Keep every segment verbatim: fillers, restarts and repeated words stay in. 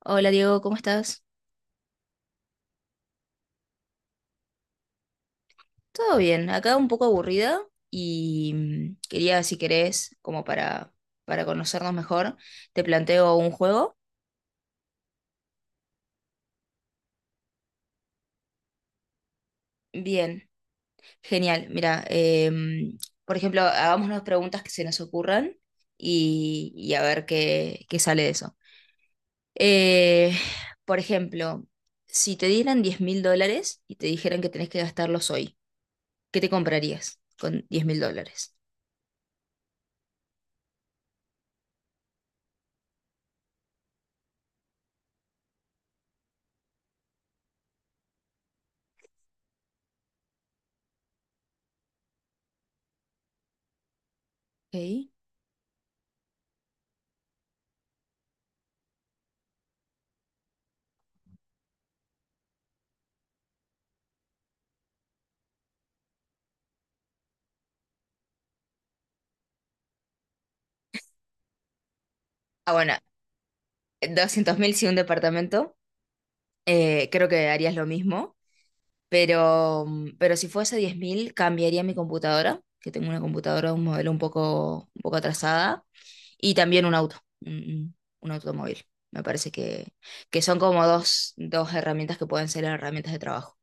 Hola Diego, ¿cómo estás? Todo bien, acá un poco aburrida y mm, quería, si querés, como para, para conocernos mejor, te planteo un juego. Bien, genial. Mira, em, por ejemplo, hagamos unas preguntas que se nos ocurran y, y a ver qué, qué sale de eso. Eh, por ejemplo, si te dieran diez mil dólares y te dijeran que tenés que gastarlos hoy, ¿qué te comprarías con diez mil dólares? Ok. Ah, bueno, doscientos mil si un departamento. Eh, creo que harías lo mismo, pero, mm, pero si fuese diez mil cambiaría mi computadora, que tengo una computadora, un modelo un poco, un poco atrasada, y también un auto, un, un automóvil. Me parece que, que son como dos, dos herramientas que pueden ser herramientas de trabajo.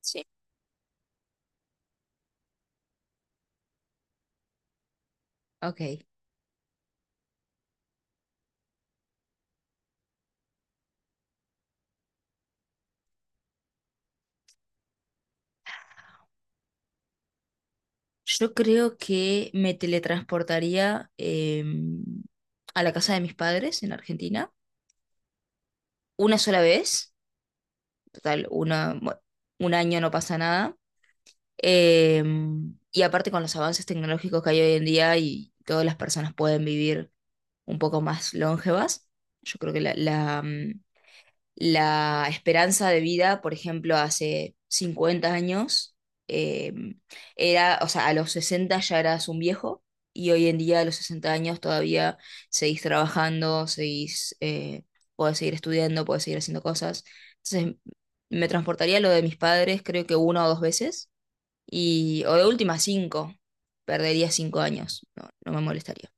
Sí. Ok. Yo creo que me teletransportaría em, a la casa de mis padres en Argentina una sola vez, total, una, bueno, un año no pasa nada. Eh, y aparte con los avances tecnológicos que hay hoy en día y todas las personas pueden vivir un poco más longevas, yo creo que la, la, mm, la esperanza de vida, por ejemplo, hace cincuenta años, eh, era, o sea, a los sesenta ya eras un viejo y hoy en día a los sesenta años todavía seguís trabajando, seguís, eh, podés seguir estudiando, podés seguir haciendo cosas. Entonces, me transportaría a lo de mis padres, creo que una o dos veces y, o de última, cinco. Perdería cinco años. No, no me molestaría.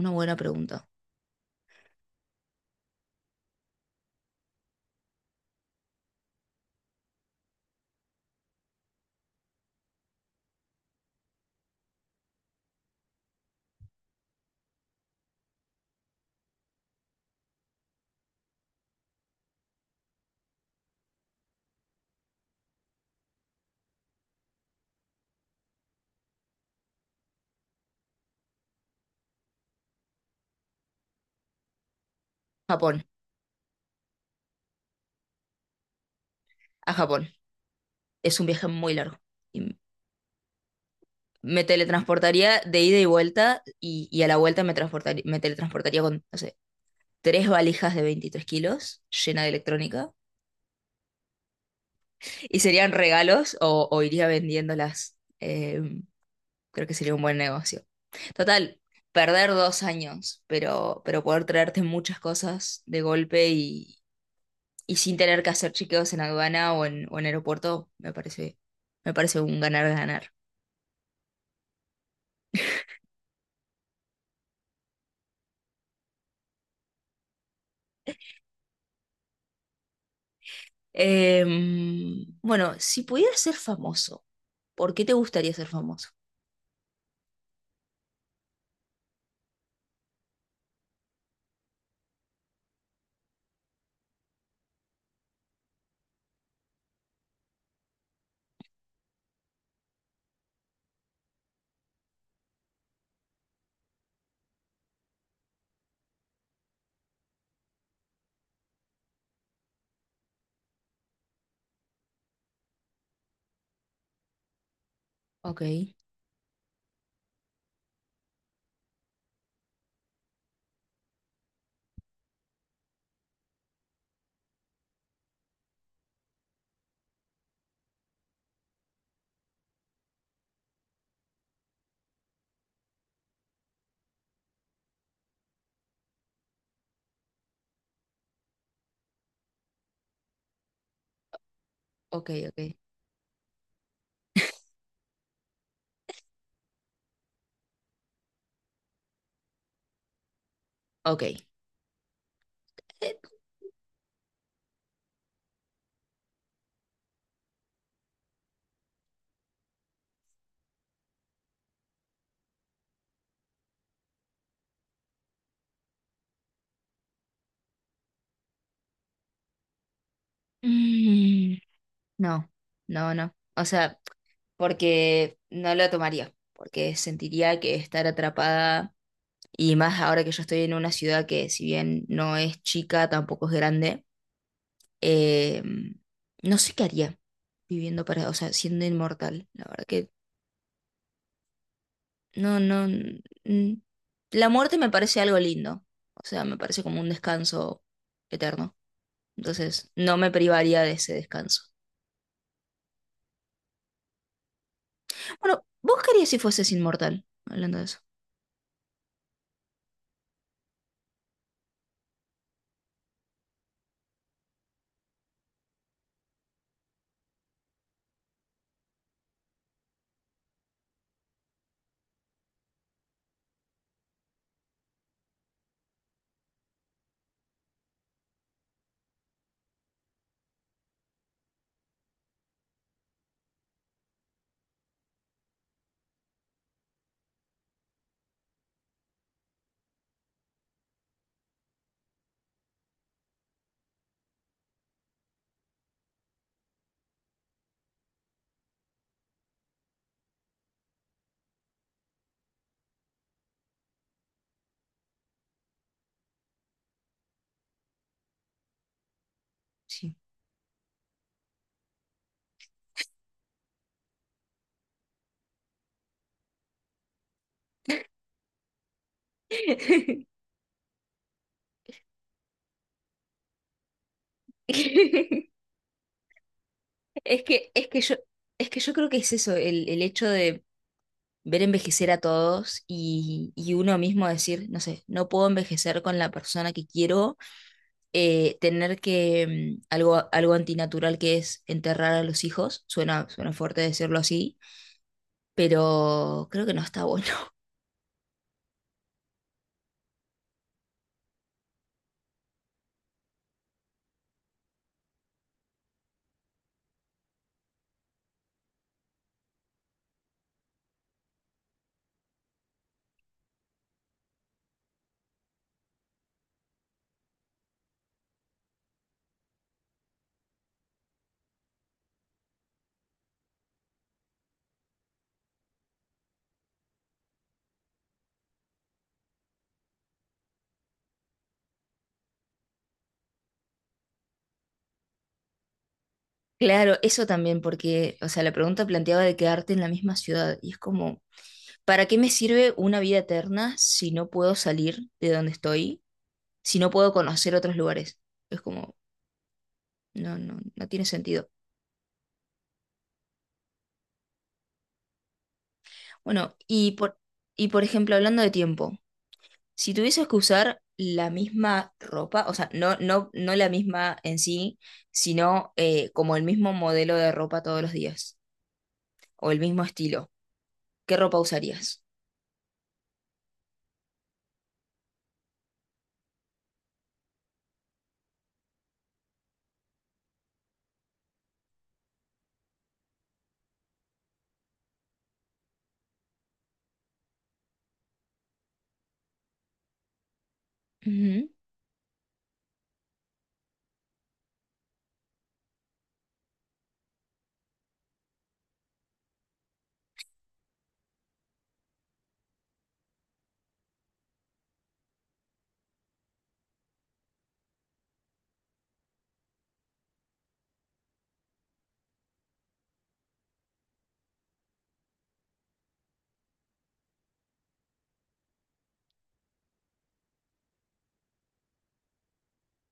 Una buena pregunta. Japón, a Japón. Es un viaje muy largo. Y me teletransportaría de ida y vuelta y, y a la vuelta me, transportaría, me teletransportaría con, no sé, tres valijas de veintitrés kilos llena de electrónica. Y serían regalos o, o iría vendiéndolas. Eh, creo que sería un buen negocio. Total, perder dos años, pero, pero poder traerte muchas cosas de golpe y, y sin tener que hacer chequeos en aduana o en, o en aeropuerto, me parece, me parece un ganar-ganar. Em, bueno, si pudieras ser famoso, ¿por qué te gustaría ser famoso? Ok, ok, ok, ok. Eh, mm, no, no, no. O sea, porque no lo tomaría, porque sentiría que estar atrapada, y más ahora que yo estoy en una ciudad que si bien no es chica, tampoco es grande, em, no sé qué haría. Viviendo para, o sea, siendo inmortal. La verdad que no, no. mm, La muerte me parece algo lindo. O sea, me parece como un descanso eterno. Entonces, no me privaría de ese descanso. Bueno, ¿vos qué harías si fueses inmortal? Hablando de eso. Sí. Es que, es que yo, es que yo creo que es eso, el, el hecho de ver envejecer a todos y, y uno mismo decir, no sé, no puedo envejecer con la persona que quiero, eh, tener que mm, algo, algo antinatural que es enterrar a los hijos, suena, suena fuerte decirlo así, pero creo que no está bueno. Claro, eso también, porque, o sea, la pregunta planteaba de quedarte en la misma ciudad, y es como, ¿para qué me sirve una vida eterna si no puedo salir de donde estoy, si no puedo conocer otros lugares? Es como, no, no, no tiene sentido. Bueno, y por, y por ejemplo, hablando de tiempo. Si tuvieses que usar la misma ropa, o sea, no, no, no la misma en sí, sino eh, como el mismo modelo de ropa todos los días, o el mismo estilo, ¿qué ropa usarías? Ujú.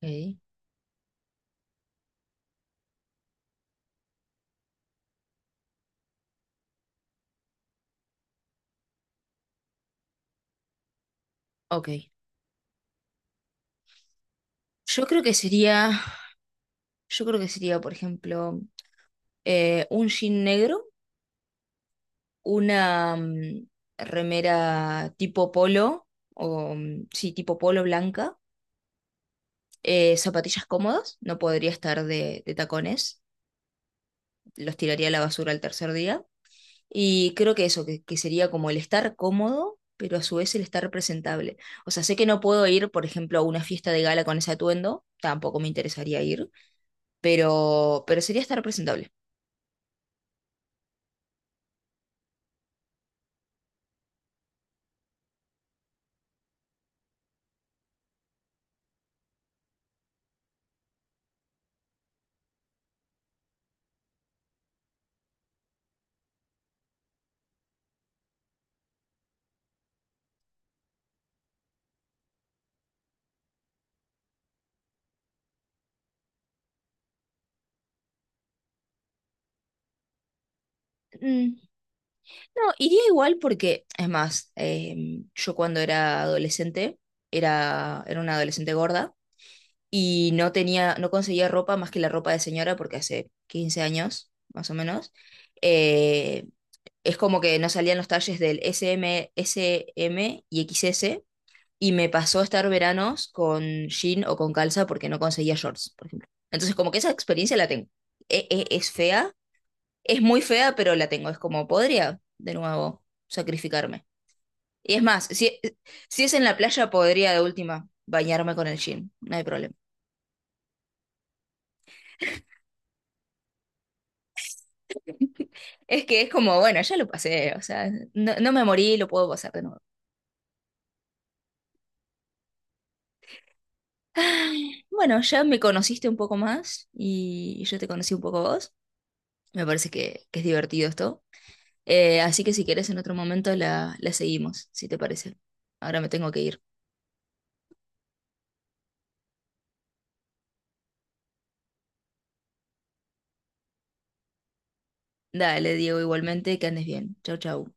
Ok. Ok. Yo creo que sería, yo creo que sería, por ejemplo, eh, un jean negro, una mm, remera tipo polo, o mm, sí, tipo polo blanca, eh, zapatillas cómodas, no podría estar de de tacones, los tiraría a la basura el tercer día. Y creo que eso, que, que sería como el estar cómodo, pero a su vez el estar presentable. O sea, sé que no puedo ir, por ejemplo, a una fiesta de gala con ese atuendo, tampoco me interesaría ir, pero, pero sería estar presentable. Mm, No, iría igual porque, es más, eh, yo cuando era adolescente, era, era una adolescente gorda y no tenía, no conseguía ropa más que la ropa de señora porque hace quince años, más o menos. Eh, es como que no salían los talles del S M S M y X S y me pasó a estar veranos con jean o con calza porque no conseguía shorts, por ejemplo. Entonces, como que esa experiencia la tengo. E- e- es fea, es muy fea, pero la tengo. Es como, podría, de nuevo, sacrificarme. Y es más, si, si es en la playa, podría de última bañarme con el jean, no hay problema. Es que es como, bueno, ya lo pasé, o sea, no, no me morí, lo puedo pasar de nuevo. Ay, bueno, ya me conociste un poco más y yo te conocí un poco a vos. Me parece que, que es divertido esto. Eh, así que si querés en otro momento la, la seguimos, si te parece. Ahora me tengo que ir. Dale, Diego, igualmente, que andes bien. Chau, chau.